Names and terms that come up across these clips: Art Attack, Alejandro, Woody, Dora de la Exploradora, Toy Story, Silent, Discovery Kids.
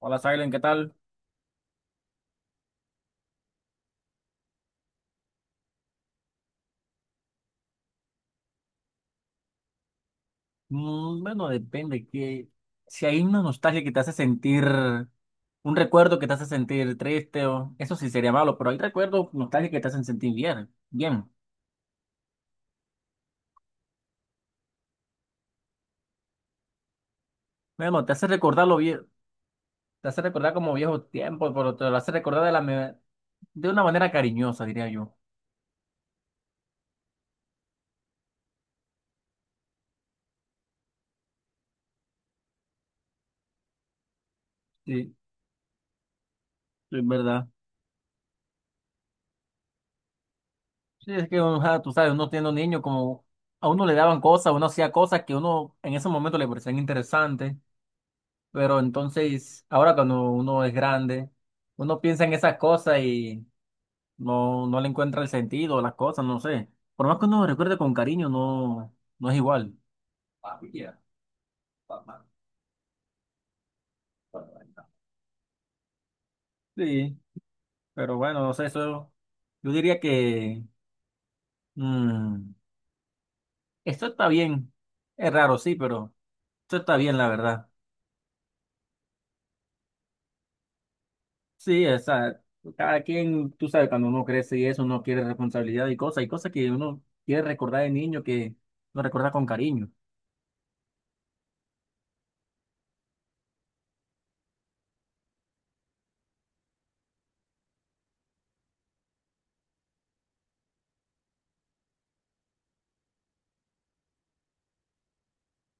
Hola, Silent, ¿qué tal? Bueno, depende que si hay una nostalgia que te hace sentir, un recuerdo que te hace sentir triste, o eso sí sería malo, pero hay recuerdos nostálgicos que te hacen sentir bien, bien. Bueno, te hace recordar como viejos tiempos, pero te lo hace recordar de una manera cariñosa, diría yo. Sí, es verdad. Sí, es que uno, tú sabes, uno siendo niño como a uno le daban cosas, uno hacía cosas que uno en ese momento le parecían interesantes. Pero entonces, ahora cuando uno es grande, uno piensa en esas cosas y no le encuentra el sentido a las cosas, no sé. Por más que uno recuerde con cariño, no, no es igual. Sí, pero bueno, no sé, eso. Yo diría que mm, esto está bien. Es raro, sí, pero esto está bien, la verdad. Sí, esa, cada quien, tú sabes, cuando uno crece y eso, uno quiere responsabilidad y cosas que uno quiere recordar de niño que lo recuerda con cariño.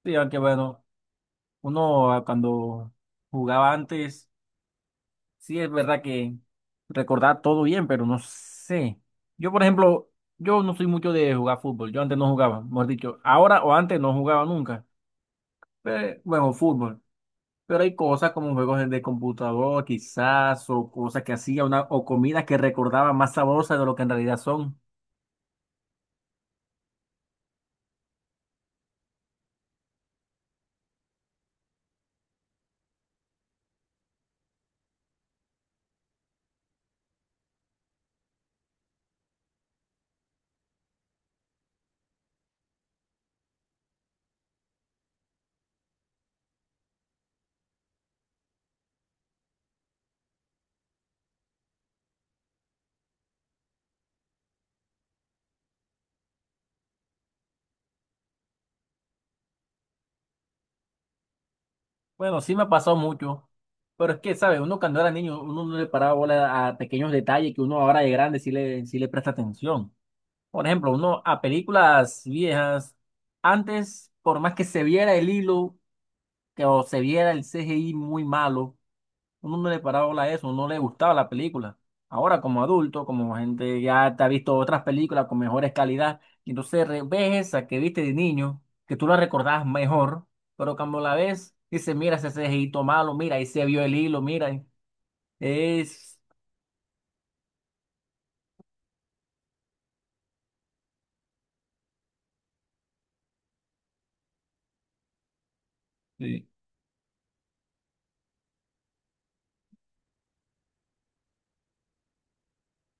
Sí, aunque bueno, uno, cuando jugaba antes, sí es verdad que recordaba todo bien, pero no sé. Yo, por ejemplo, yo no soy mucho de jugar fútbol, yo antes no jugaba, mejor dicho, ahora o antes no jugaba nunca, pero bueno, fútbol. Pero hay cosas como juegos de computador, quizás, o cosas que hacía una, o comidas que recordaba más sabrosas de lo que en realidad son. Bueno, sí me ha pasado mucho, pero es que, ¿sabes? Uno cuando era niño, uno no le paraba bola a pequeños detalles que uno ahora de grande sí le presta atención. Por ejemplo, uno a películas viejas, antes, por más que se viera el hilo que, o se viera el CGI muy malo, uno no le paraba bola a eso, uno le gustaba la película. Ahora, como adulto, como gente ya te ha visto otras películas con mejores calidad, y entonces ves esa que viste de niño, que tú la recordabas mejor, pero cuando la ves, dices, mira ese cejito malo, mira, ahí se vio el hilo, mira. Es. Sí,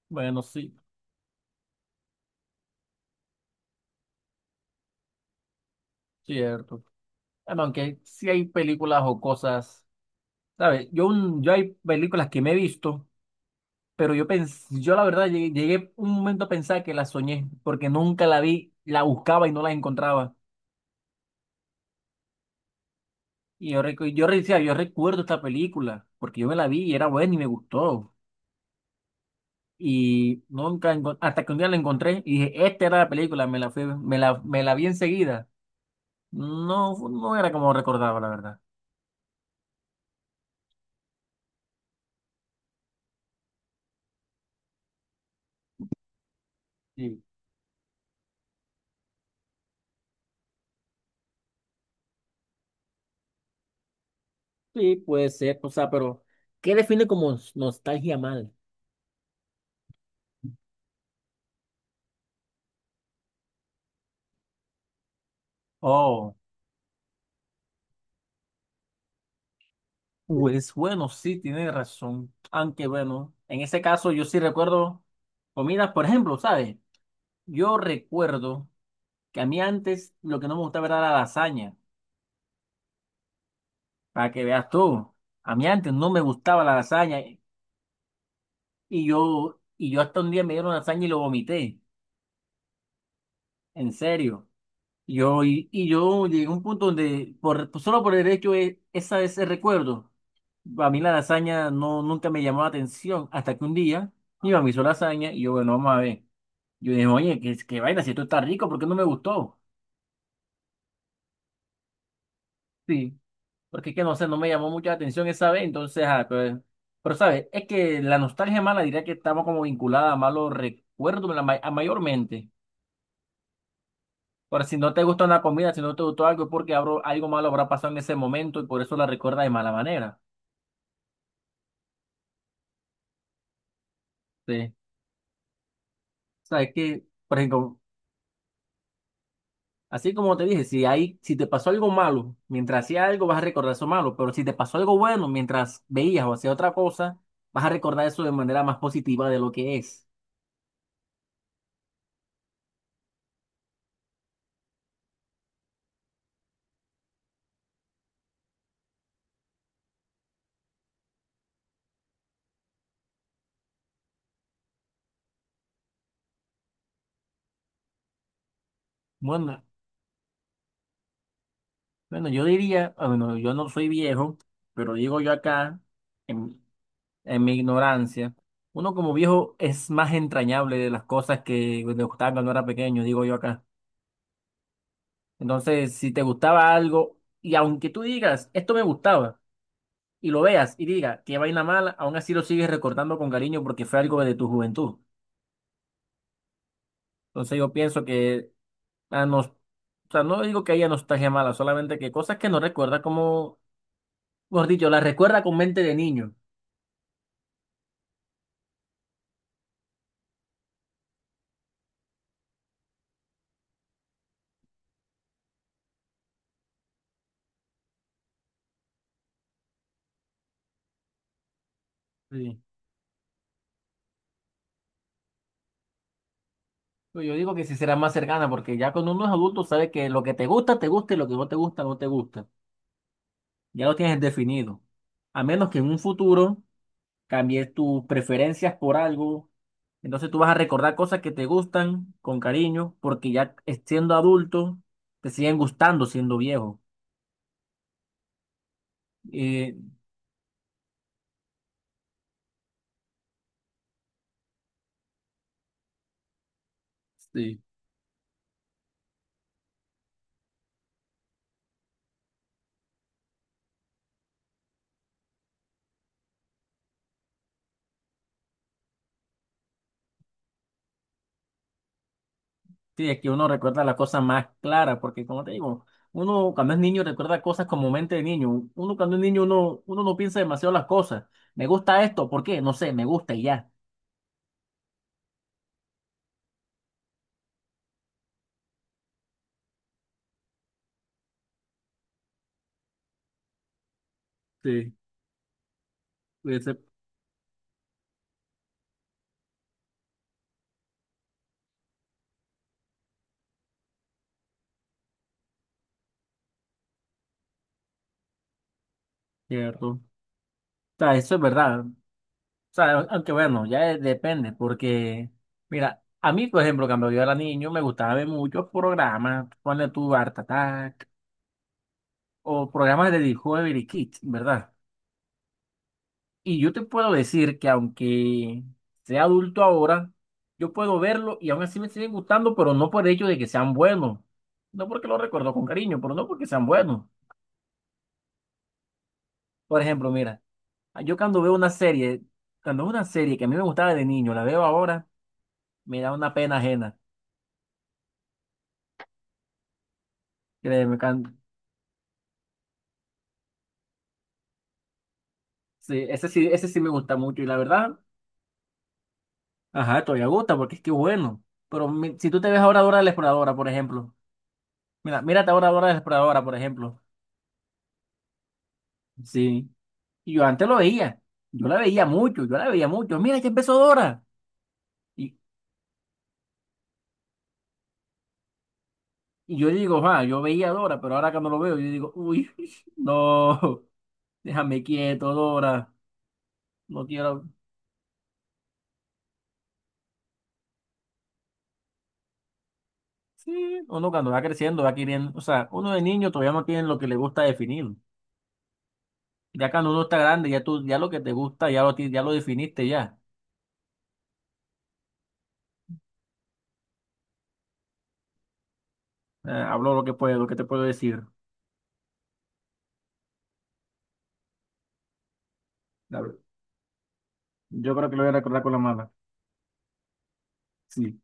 bueno, sí, cierto. Bueno, aunque sí hay películas o cosas, ¿sabes? Yo hay películas que me he visto. Pero yo la verdad llegué un momento a pensar que la soñé, porque nunca la vi, la buscaba y no la encontraba. Y yo, recu- yo re- decía, yo recuerdo esta película, porque yo me la vi y era buena y me gustó. Y nunca, hasta que un día la encontré y dije, esta era la película, me la fui, me la vi enseguida. No, no era como recordaba, la verdad. Sí, sí, puede ser, o sea, pero ¿qué define como nostalgia mal? Oh. Pues bueno, sí, tiene razón. Aunque bueno, en ese caso yo sí recuerdo comidas, por ejemplo, ¿sabes? Yo recuerdo que a mí antes lo que no me gustaba era la lasaña, para que veas tú. A mí antes no me gustaba la lasaña y yo hasta un día me dieron lasaña y lo vomité, en serio. Yo, y yo llegué a un punto donde, por, pues, solo por el hecho de esa, ese recuerdo, a mí la lasaña no, nunca me llamó la atención, hasta que un día mi mamá hizo lasaña y yo, bueno, vamos a ver. Yo dije, oye, qué vaina, si esto está rico, ¿por qué no me gustó? Sí, porque es que no sé, no me llamó mucha atención esa vez, entonces, ah, pues, pero sabes, es que la nostalgia mala diría que estamos como vinculada a malos recuerdos a mayormente. Por si no te gusta una comida, si no te gustó algo, es porque algo malo habrá pasado en ese momento y por eso la recuerda de mala manera. Sí. O sea, es que, por ejemplo, así como te dije, si hay, si te pasó algo malo, mientras hacía algo vas a recordar eso malo, pero si te pasó algo bueno mientras veías o hacías otra cosa, vas a recordar eso de manera más positiva de lo que es. Bueno, bueno, yo diría, ah, bueno, yo no soy viejo, pero digo yo acá, en, en mi ignorancia, uno como viejo es más entrañable de las cosas que le gustaban cuando era pequeño, digo yo acá. Entonces, si te gustaba algo, y aunque tú digas, esto me gustaba, y lo veas y diga, qué vaina mala, aún así lo sigues recordando con cariño porque fue algo de tu juventud. Entonces yo pienso que o sea, no digo que haya nostalgia mala, solamente que cosas que no recuerda como, mejor dicho, las recuerda con mente de niño. Sí. Pues yo digo que sí será más cercana porque ya cuando uno es adulto sabe que lo que te gusta y lo que no te gusta, no te gusta. Ya lo tienes definido. A menos que en un futuro cambies tus preferencias por algo. Entonces tú vas a recordar cosas que te gustan con cariño, porque siendo adulto te siguen gustando siendo viejo. Eh, Sí. Sí, es que uno recuerda las cosas más claras, porque como te digo, uno cuando es niño recuerda cosas como mente de niño. Uno cuando es niño uno no piensa demasiado las cosas. Me gusta esto, ¿por qué? No sé, me gusta y ya. Sí, puede ser. Cierto. O sea, eso es verdad. O sea, aunque bueno, depende, porque, mira, a mí, por ejemplo, cuando yo era niño, me gustaba ver muchos programas, ponle tu Art Attack, o programas de Discovery Kids, ¿verdad? Y yo te puedo decir que aunque sea adulto ahora, yo puedo verlo y aún así me siguen gustando, pero no por el hecho de que sean buenos, no porque lo recuerdo con cariño, pero no porque sean buenos. Por ejemplo, mira, yo cuando veo una serie, cuando veo una serie que a mí me gustaba de niño, la veo ahora, me da una pena ajena. Créeme, sí, ese sí me gusta mucho y la verdad, ajá, todavía gusta porque es que es bueno. Pero si tú te ves ahora Dora de la Exploradora, por ejemplo, mira, mírate ahora Dora de la Exploradora, por ejemplo. Sí, y yo antes lo veía, yo la veía mucho. Mira, ya empezó Dora. Y, y yo digo, ah, yo veía a Dora, pero ahora cuando lo veo, yo digo, uy, no, déjame quieto, Dora, no quiero. Sí, uno cuando va creciendo va queriendo, o sea, uno de niño todavía no tiene lo que le gusta definir. Ya cuando uno está grande, ya tú, ya lo que te gusta, ya lo definiste ya. Hablo lo que puedo, lo que te puedo decir. La- ver- Yo creo que lo voy a recordar con la mala. Sí.